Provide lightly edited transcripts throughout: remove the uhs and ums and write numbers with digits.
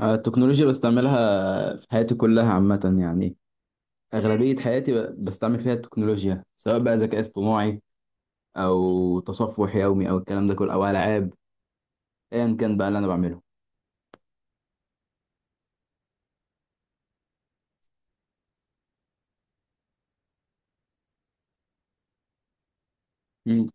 التكنولوجيا بستعملها في حياتي كلها عامة يعني. أغلبية حياتي بستعمل فيها التكنولوجيا، سواء بقى ذكاء اصطناعي أو تصفح يومي أو الكلام ده كله أو ألعاب، أيا كان بقى اللي أنا بعمله. مم.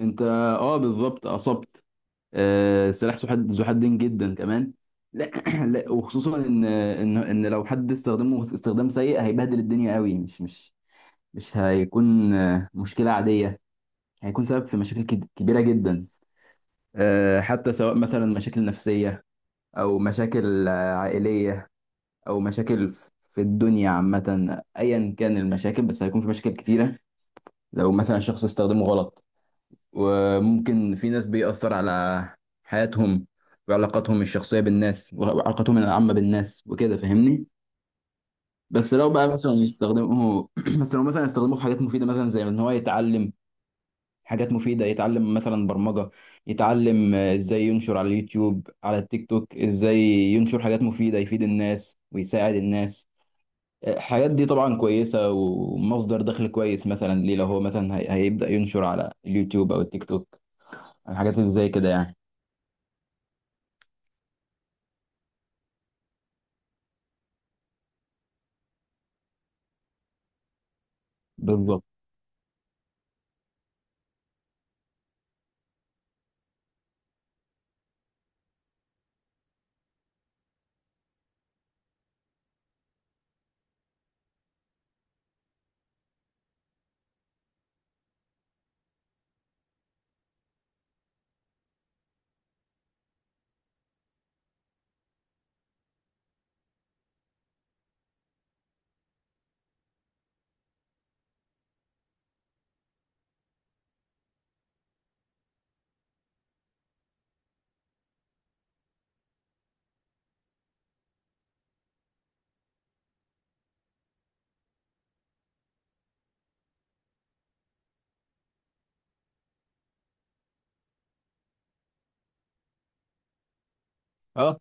أنت بالظبط أصبت. سلاح ذو حدين جدا كمان. لا, لا، وخصوصا إن لو حد استخدمه استخدام سيء هيبهدل الدنيا قوي، مش هيكون مشكلة عادية. هيكون سبب في مشاكل كبيرة جدا، حتى سواء مثلا مشاكل نفسية، أو مشاكل عائلية، أو مشاكل في الدنيا عامة، أيا كان المشاكل، بس هيكون في مشاكل كتيرة لو مثلا شخص استخدمه غلط. وممكن في ناس بيأثر على حياتهم، وعلاقاتهم الشخصية بالناس وعلاقاتهم العامة بالناس وكده، فاهمني؟ بس لو بقى مثلا يستخدمه بس لو مثلا يستخدمه في حاجات مفيدة، مثلا زي إن هو يتعلم حاجات مفيدة، يتعلم مثلا برمجة، يتعلم ازاي ينشر على اليوتيوب، على التيك توك ازاي ينشر حاجات مفيدة، يفيد الناس ويساعد الناس. الحاجات دي طبعا كويسة ومصدر دخل كويس مثلا ليه، لو هو مثلا هيبدأ ينشر على اليوتيوب او التيك توك الحاجات اللي زي كده يعني. بالظبط. اه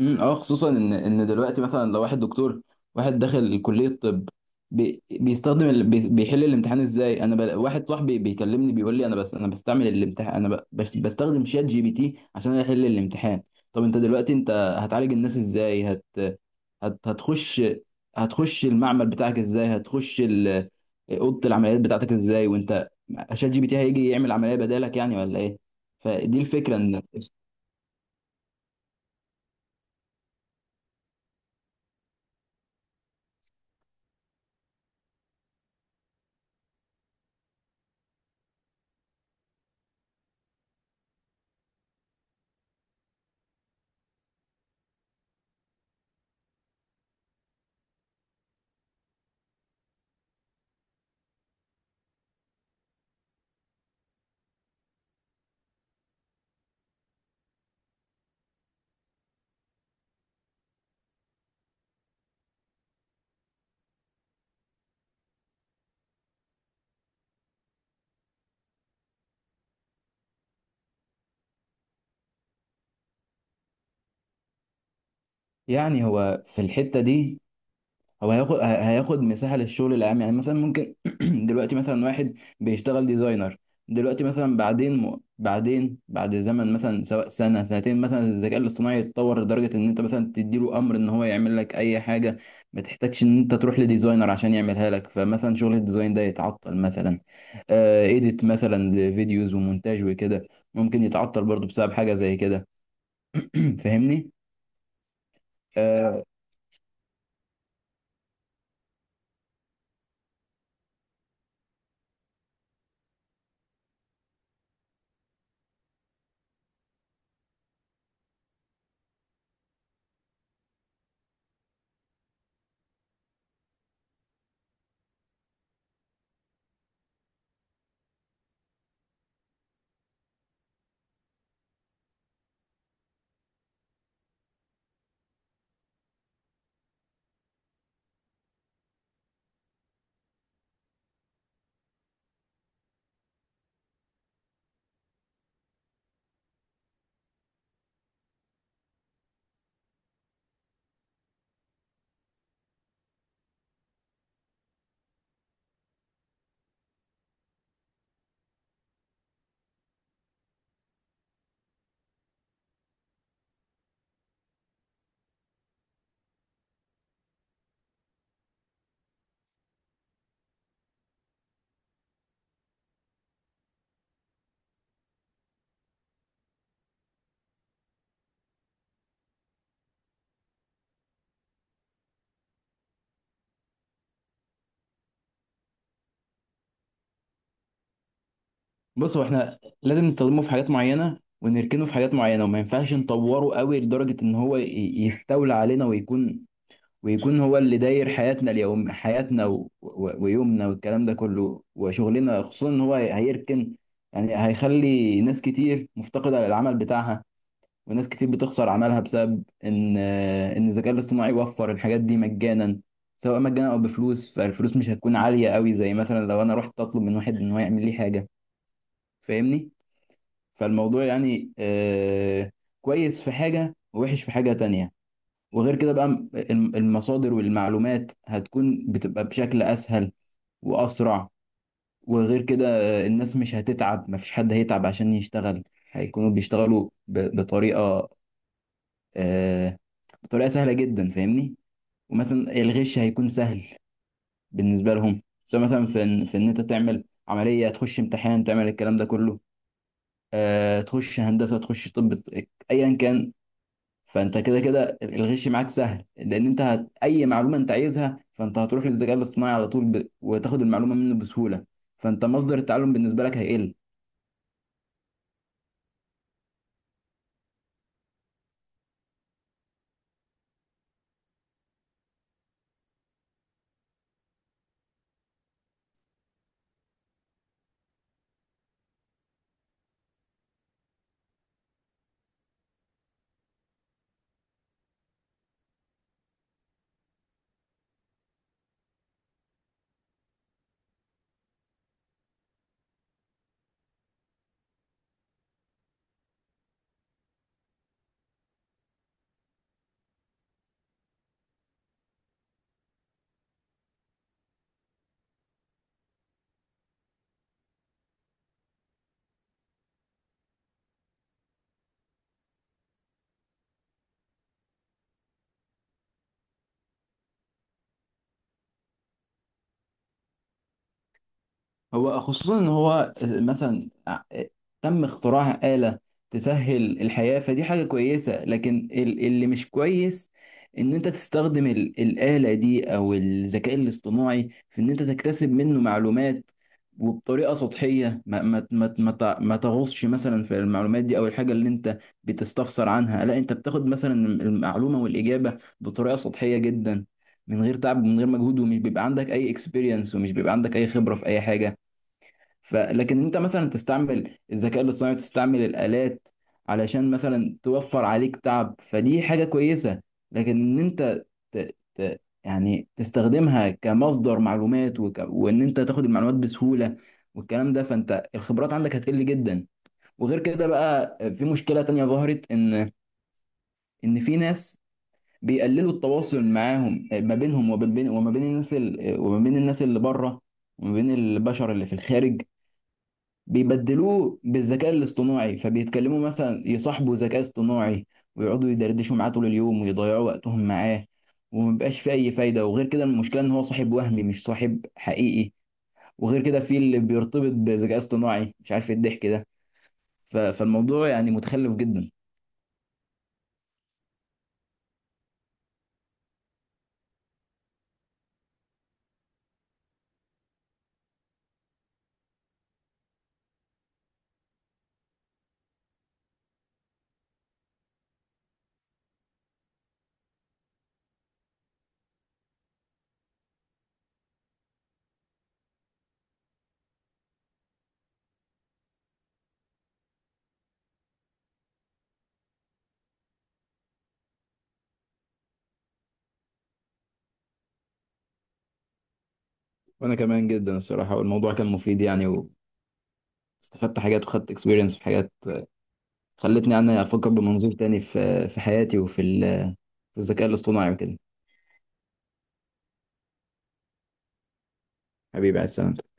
اه خصوصا ان دلوقتي مثلا لو واحد دكتور، واحد داخل كليه طب، بيستخدم بيحل الامتحان ازاي، واحد صاحبي بيكلمني بيقول لي: انا بس انا بستعمل الامتحان انا ب... بس بستخدم شات جي بي تي عشان احل الامتحان. طب انت دلوقتي، انت هتعالج الناس ازاي؟ هت... هتخش هتخش المعمل بتاعك ازاي، هتخش اوضه العمليات بتاعتك ازاي، وانت شات جي بي تي هيجي يعمل عمليه بدالك يعني ولا ايه؟ فدي الفكره ان. يعني هو في الحتة دي هو هياخد مساحة للشغل العام، يعني مثلا ممكن دلوقتي مثلا واحد بيشتغل ديزاينر، دلوقتي مثلا بعدين بعد زمن، مثلا سواء سنة سنتين، مثلا الذكاء الاصطناعي يتطور لدرجة ان انت مثلا تديله امر ان هو يعمل لك اي حاجة. ما تحتاجش ان انت تروح لديزاينر عشان يعملها لك، فمثلا شغل الديزاين ده يتعطل مثلا. ايديت مثلا لفيديوز ومونتاج وكده ممكن يتعطل برضو بسبب حاجة زي كده. فاهمني؟ آه بص، هو احنا لازم نستخدمه في حاجات معينة ونركنه في حاجات معينة، وما ينفعش نطوره قوي لدرجة ان هو يستولى علينا ويكون هو اللي داير حياتنا اليوم، حياتنا ويومنا والكلام ده كله وشغلنا، خصوصا ان هو هيركن. يعني هيخلي ناس كتير مفتقدة للعمل بتاعها، وناس كتير بتخسر عملها بسبب ان الذكاء الاصطناعي وفر الحاجات دي مجانا، سواء مجانا او بفلوس. فالفلوس مش هتكون عالية قوي، زي مثلا لو انا رحت اطلب من واحد ان هو يعمل لي حاجة، فاهمني؟ فالموضوع يعني كويس في حاجة ووحش في حاجة تانية. وغير كده بقى، المصادر والمعلومات هتكون بتبقى بشكل أسهل وأسرع. وغير كده الناس مش هتتعب، مفيش حد هيتعب عشان يشتغل، هيكونوا بيشتغلوا آه بطريقة سهلة جدا، فاهمني. ومثلا الغش هيكون سهل بالنسبة لهم، سواء مثلا في إن أنت تعمل عملية، تخش امتحان، تعمل الكلام ده كله، تخش هندسة، تخش طب، ايا كان. فانت كده كده الغش معاك سهل، لان انت اي معلومه انت عايزها فانت هتروح للذكاء الاصطناعي على طول، وتاخد المعلومه منه بسهوله. فانت مصدر التعلم بالنسبه لك هيقل. هو خصوصا ان هو مثلا تم اختراع آلة تسهل الحياة، فدي حاجة كويسة، لكن اللي مش كويس ان انت تستخدم الآلة دي او الذكاء الاصطناعي في ان انت تكتسب منه معلومات، وبطريقة سطحية، ما تغوصش مثلا في المعلومات دي او الحاجة اللي انت بتستفسر عنها، لا، انت بتاخد مثلا المعلومة والإجابة بطريقة سطحية جدا، من غير تعب ومن غير مجهود، ومش بيبقى عندك اي اكسبيرينس، ومش بيبقى عندك اي خبرة في اي حاجة. فلكن انت مثلا تستعمل الذكاء الاصطناعي، تستعمل الالات، علشان مثلا توفر عليك تعب، فدي حاجه كويسه. لكن ان انت يعني تستخدمها كمصدر معلومات، وان انت تاخد المعلومات بسهوله والكلام ده، فانت الخبرات عندك هتقل جدا. وغير كده بقى في مشكله تانية ظهرت، ان في ناس بيقللوا التواصل معاهم، ما بينهم وما بين الناس، وما بين الناس اللي بره، وما بين البشر اللي في الخارج. بيبدلوه بالذكاء الاصطناعي، فبيتكلموا مثلا يصاحبوا ذكاء اصطناعي، ويقعدوا يدردشوا معاه طول اليوم ويضيعوا وقتهم معاه، ومبقاش فيه أي فايدة. وغير كده المشكلة إن هو صاحب وهمي مش صاحب حقيقي. وغير كده في اللي بيرتبط بذكاء اصطناعي، مش عارف إيه الضحك ده. فالموضوع يعني متخلف جدا. وأنا كمان جدا الصراحة، والموضوع كان مفيد يعني، واستفدت حاجات وخدت اكسبيرينس في حاجات، خلتني يعني أفكر بمنظور تاني في حياتي وفي في الذكاء الاصطناعي وكده. حبيبي، على السلامة.